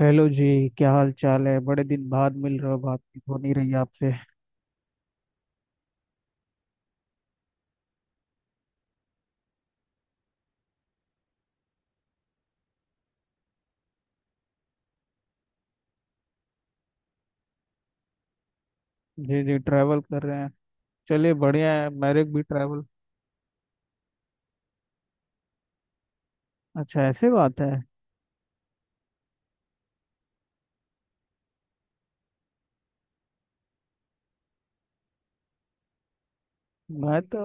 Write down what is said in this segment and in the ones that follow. Hello जी। क्या हाल चाल है, बड़े दिन बाद मिल रहे हो, बात भी हो नहीं रही आपसे। जी जी, ट्रैवल कर रहे हैं, चलिए बढ़िया है, मेरे भी ट्रैवल अच्छा ऐसे बात है। मैं तो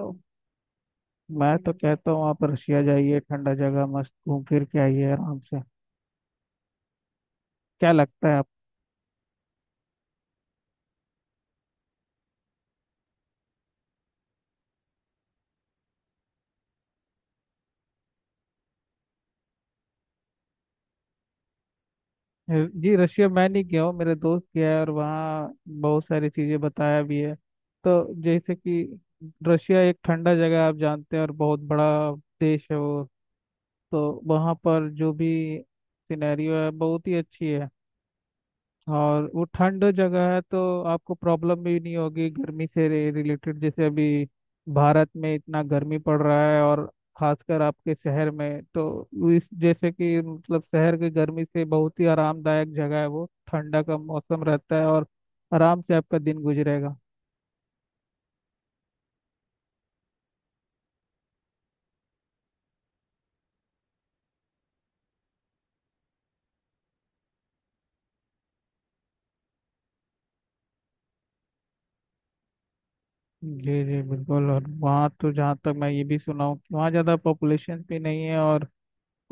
मैं तो कहता हूँ आप रशिया जाइए, ठंडा जगह मस्त घूम फिर के आइए आराम से। क्या लगता है आप? जी, रशिया मैं नहीं गया हूँ, मेरे दोस्त गया है और वहाँ बहुत सारी चीज़ें बताया भी है। तो जैसे कि रशिया एक ठंडा जगह है, आप जानते हैं, और बहुत बड़ा देश है वो। तो वहाँ पर जो भी सिनेरियो है बहुत ही अच्छी है। और वो ठंड जगह है तो आपको प्रॉब्लम भी नहीं होगी गर्मी से रिलेटेड। जैसे अभी भारत में इतना गर्मी पड़ रहा है, और खासकर आपके शहर में, तो इस जैसे कि मतलब शहर की गर्मी से बहुत ही आरामदायक जगह है वो, ठंडा का मौसम रहता है, और आराम से आपका दिन गुजरेगा। जी जी बिल्कुल, और वहाँ तो जहाँ तक मैं ये भी सुना हूँ कि वहाँ ज़्यादा पॉपुलेशन भी नहीं है, और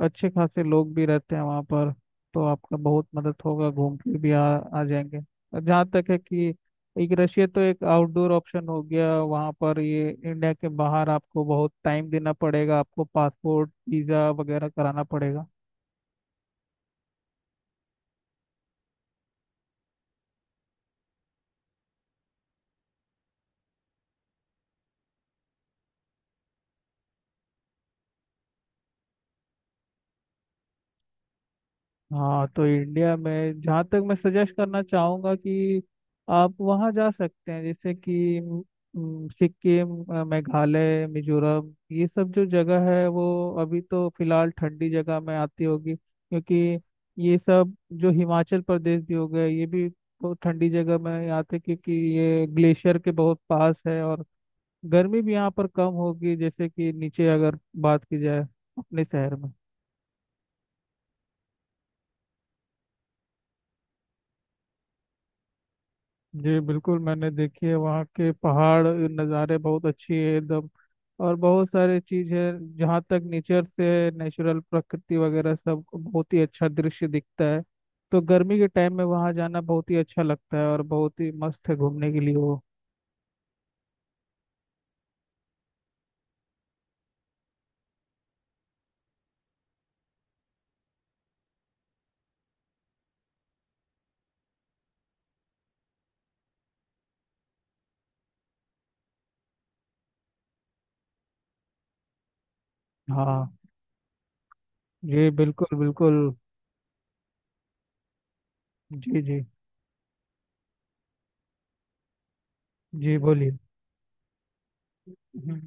अच्छे खासे लोग भी रहते हैं वहाँ पर। तो आपका बहुत मदद होगा, घूम के भी आ जाएंगे। और जहाँ तक है कि एक रशिया तो एक आउटडोर ऑप्शन हो गया। वहाँ पर ये इंडिया के बाहर आपको बहुत टाइम देना पड़ेगा, आपको पासपोर्ट वीज़ा वगैरह कराना पड़ेगा। हाँ, तो इंडिया में जहाँ तक मैं सजेस्ट करना चाहूँगा कि आप वहाँ जा सकते हैं जैसे कि म, म, सिक्किम, मेघालय, मिजोरम, ये सब जो जगह है वो अभी तो फिलहाल ठंडी जगह में आती होगी, क्योंकि ये सब जो हिमाचल प्रदेश भी हो गए, ये भी बहुत ठंडी जगह में आते हैं, क्योंकि ये ग्लेशियर के बहुत पास है। और गर्मी भी यहाँ पर कम होगी, जैसे कि नीचे अगर बात की जाए अपने शहर में। जी बिल्कुल, मैंने देखी है, वहाँ के पहाड़ नज़ारे बहुत अच्छी है एकदम, और बहुत सारी चीज़ है। जहाँ तक नेचर से, नेचुरल प्रकृति वगैरह सब बहुत ही अच्छा दृश्य दिखता है। तो गर्मी के टाइम में वहाँ जाना बहुत ही अच्छा लगता है, और बहुत ही मस्त है घूमने के लिए वो। हाँ। जी बिल्कुल बिल्कुल। जी जी। जी बोलिए। हम्म,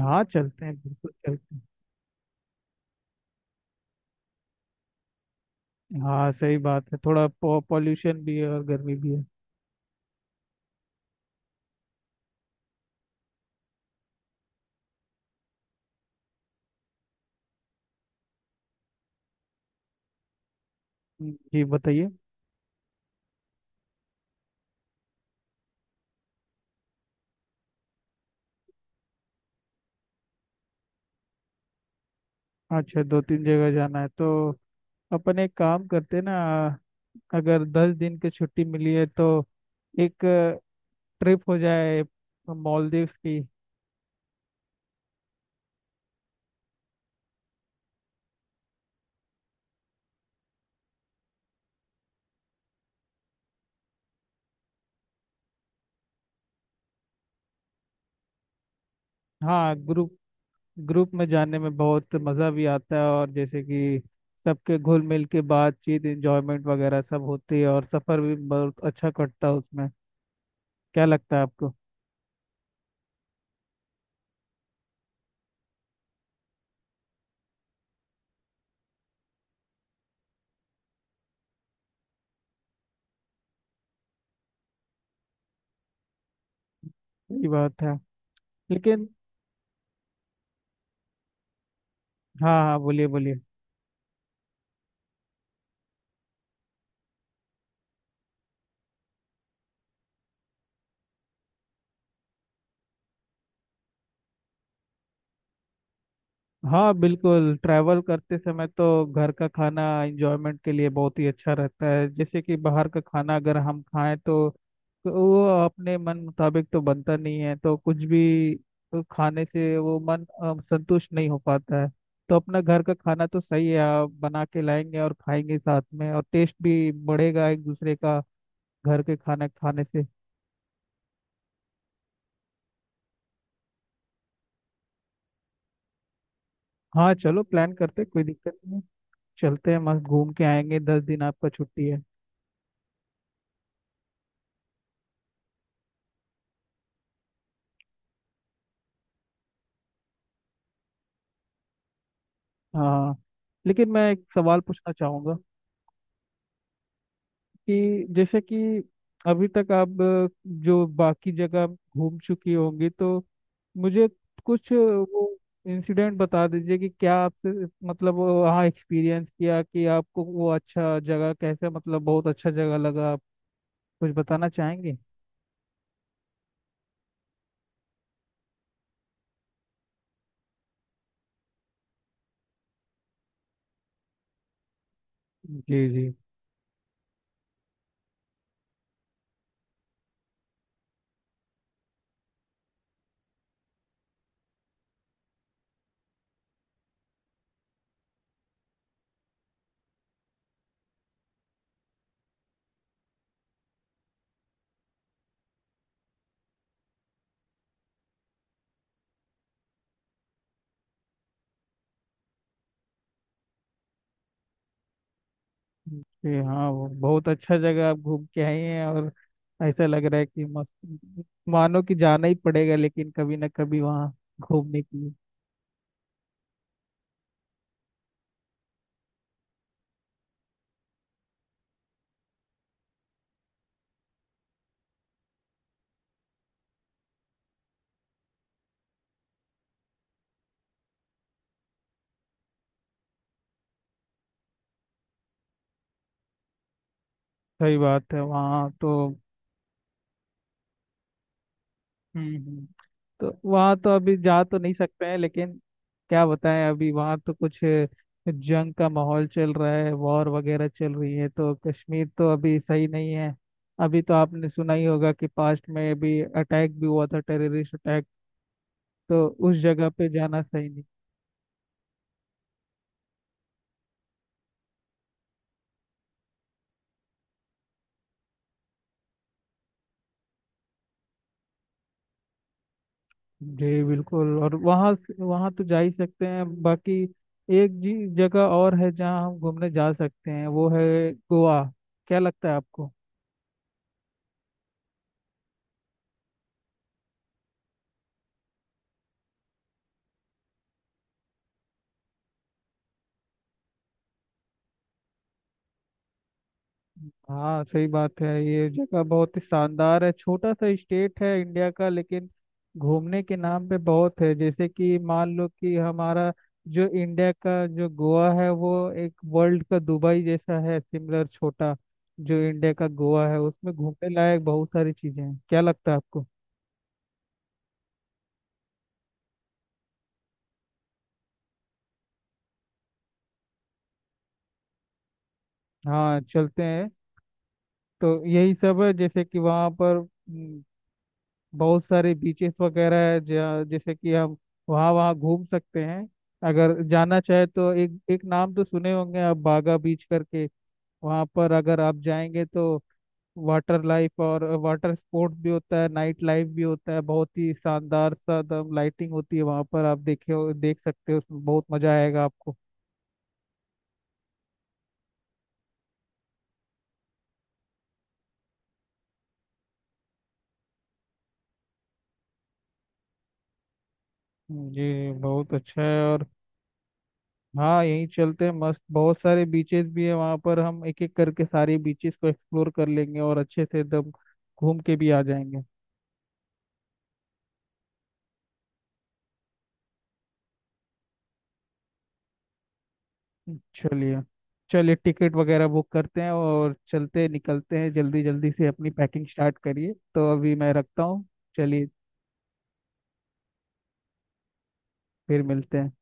हाँ चलते हैं, बिल्कुल चलते हैं। हाँ सही बात है, थोड़ा पॉल्यूशन भी है और गर्मी भी है। जी बताइए। अच्छा, दो तीन जगह जाना है तो अपन एक काम करते ना, अगर दस दिन की छुट्टी मिली है तो एक ट्रिप हो जाए मालदीव्स की। हाँ ग्रुप, ग्रुप में जाने में बहुत मज़ा भी आता है, और जैसे कि सबके घुल मिल के बातचीत एंजॉयमेंट वगैरह सब होती है, और सफ़र भी बहुत अच्छा कटता है उसमें। क्या लगता है आपको? सही बात है। लेकिन हाँ हाँ बोलिए बोलिए। हाँ बिल्कुल, ट्रैवल करते समय तो घर का खाना एंजॉयमेंट के लिए बहुत ही अच्छा रहता है। जैसे कि बाहर का खाना अगर हम खाएं, तो वो अपने मन मुताबिक तो बनता नहीं है, तो कुछ भी तो खाने से वो मन संतुष्ट नहीं हो पाता है। तो अपना घर का खाना तो सही है, आप बना के लाएंगे और खाएंगे साथ में, और टेस्ट भी बढ़ेगा एक दूसरे का घर के खाना खाने से। हाँ चलो प्लान करते, कोई दिक्कत नहीं, चलते हैं मस्त घूम के आएंगे, दस दिन आपका छुट्टी है। हाँ लेकिन मैं एक सवाल पूछना चाहूँगा कि जैसे कि अभी तक आप जो बाकी जगह घूम चुकी होंगी, तो मुझे कुछ वो इंसिडेंट बता दीजिए कि क्या आपसे मतलब वो वहाँ एक्सपीरियंस किया कि आपको वो अच्छा जगह कैसे, मतलब बहुत अच्छा जगह लगा, आप कुछ बताना चाहेंगे? जी जी। जी हाँ, वो बहुत अच्छा जगह आप घूम के आए हैं, और ऐसा लग रहा है कि मस्त, मानो कि जाना ही पड़ेगा लेकिन कभी ना कभी वहाँ घूमने के लिए। सही बात है, वहाँ हम्म हम्म। तो वहाँ तो अभी जा तो नहीं सकते हैं लेकिन, क्या बताएं, अभी वहाँ तो कुछ जंग का माहौल चल रहा है, वॉर वगैरह चल रही है, तो कश्मीर तो अभी सही नहीं है। अभी तो आपने सुना ही होगा कि पास्ट में अभी अटैक भी हुआ था, टेररिस्ट अटैक, तो उस जगह पे जाना सही नहीं। जी बिल्कुल, और वहाँ से- वहाँ तो जा ही सकते हैं बाकी। एक जी जगह और है जहाँ हम घूमने जा सकते हैं, वो है गोवा। क्या लगता है आपको? हाँ सही बात है, ये जगह बहुत ही शानदार है, छोटा सा स्टेट है इंडिया का, लेकिन घूमने के नाम पे बहुत है। जैसे कि मान लो कि हमारा जो इंडिया का जो गोवा है, वो एक वर्ल्ड का दुबई जैसा है, सिमिलर छोटा। जो इंडिया का गोवा है उसमें घूमने लायक बहुत सारी चीजें हैं। क्या लगता है आपको? हाँ चलते हैं। तो यही सब है, जैसे कि वहाँ पर बहुत सारे बीचेस वगैरह है जहाँ- जैसे कि हम वहाँ वहाँ घूम सकते हैं अगर जाना चाहे तो। एक एक नाम तो सुने होंगे आप, बागा बीच करके, वहाँ पर अगर आप जाएंगे तो वाटर लाइफ और वाटर स्पोर्ट्स भी होता है, नाइट लाइफ भी होता है, बहुत ही शानदार सा एकदम लाइटिंग होती है वहाँ पर, आप देखे हो देख सकते हो, उसमें बहुत मजा आएगा आपको। जी बहुत अच्छा है। और हाँ यहीं चलते हैं मस्त, बहुत सारे बीचेस भी है वहाँ पर, हम एक एक करके सारे बीचेस को एक्सप्लोर कर लेंगे और अच्छे से एकदम घूम के भी आ जाएंगे। चलिए। चलिए टिकट वगैरह बुक करते हैं और चलते निकलते हैं, जल्दी जल्दी से अपनी पैकिंग स्टार्ट करिए, तो अभी मैं रखता हूँ, चलिए, फिर मिलते हैं।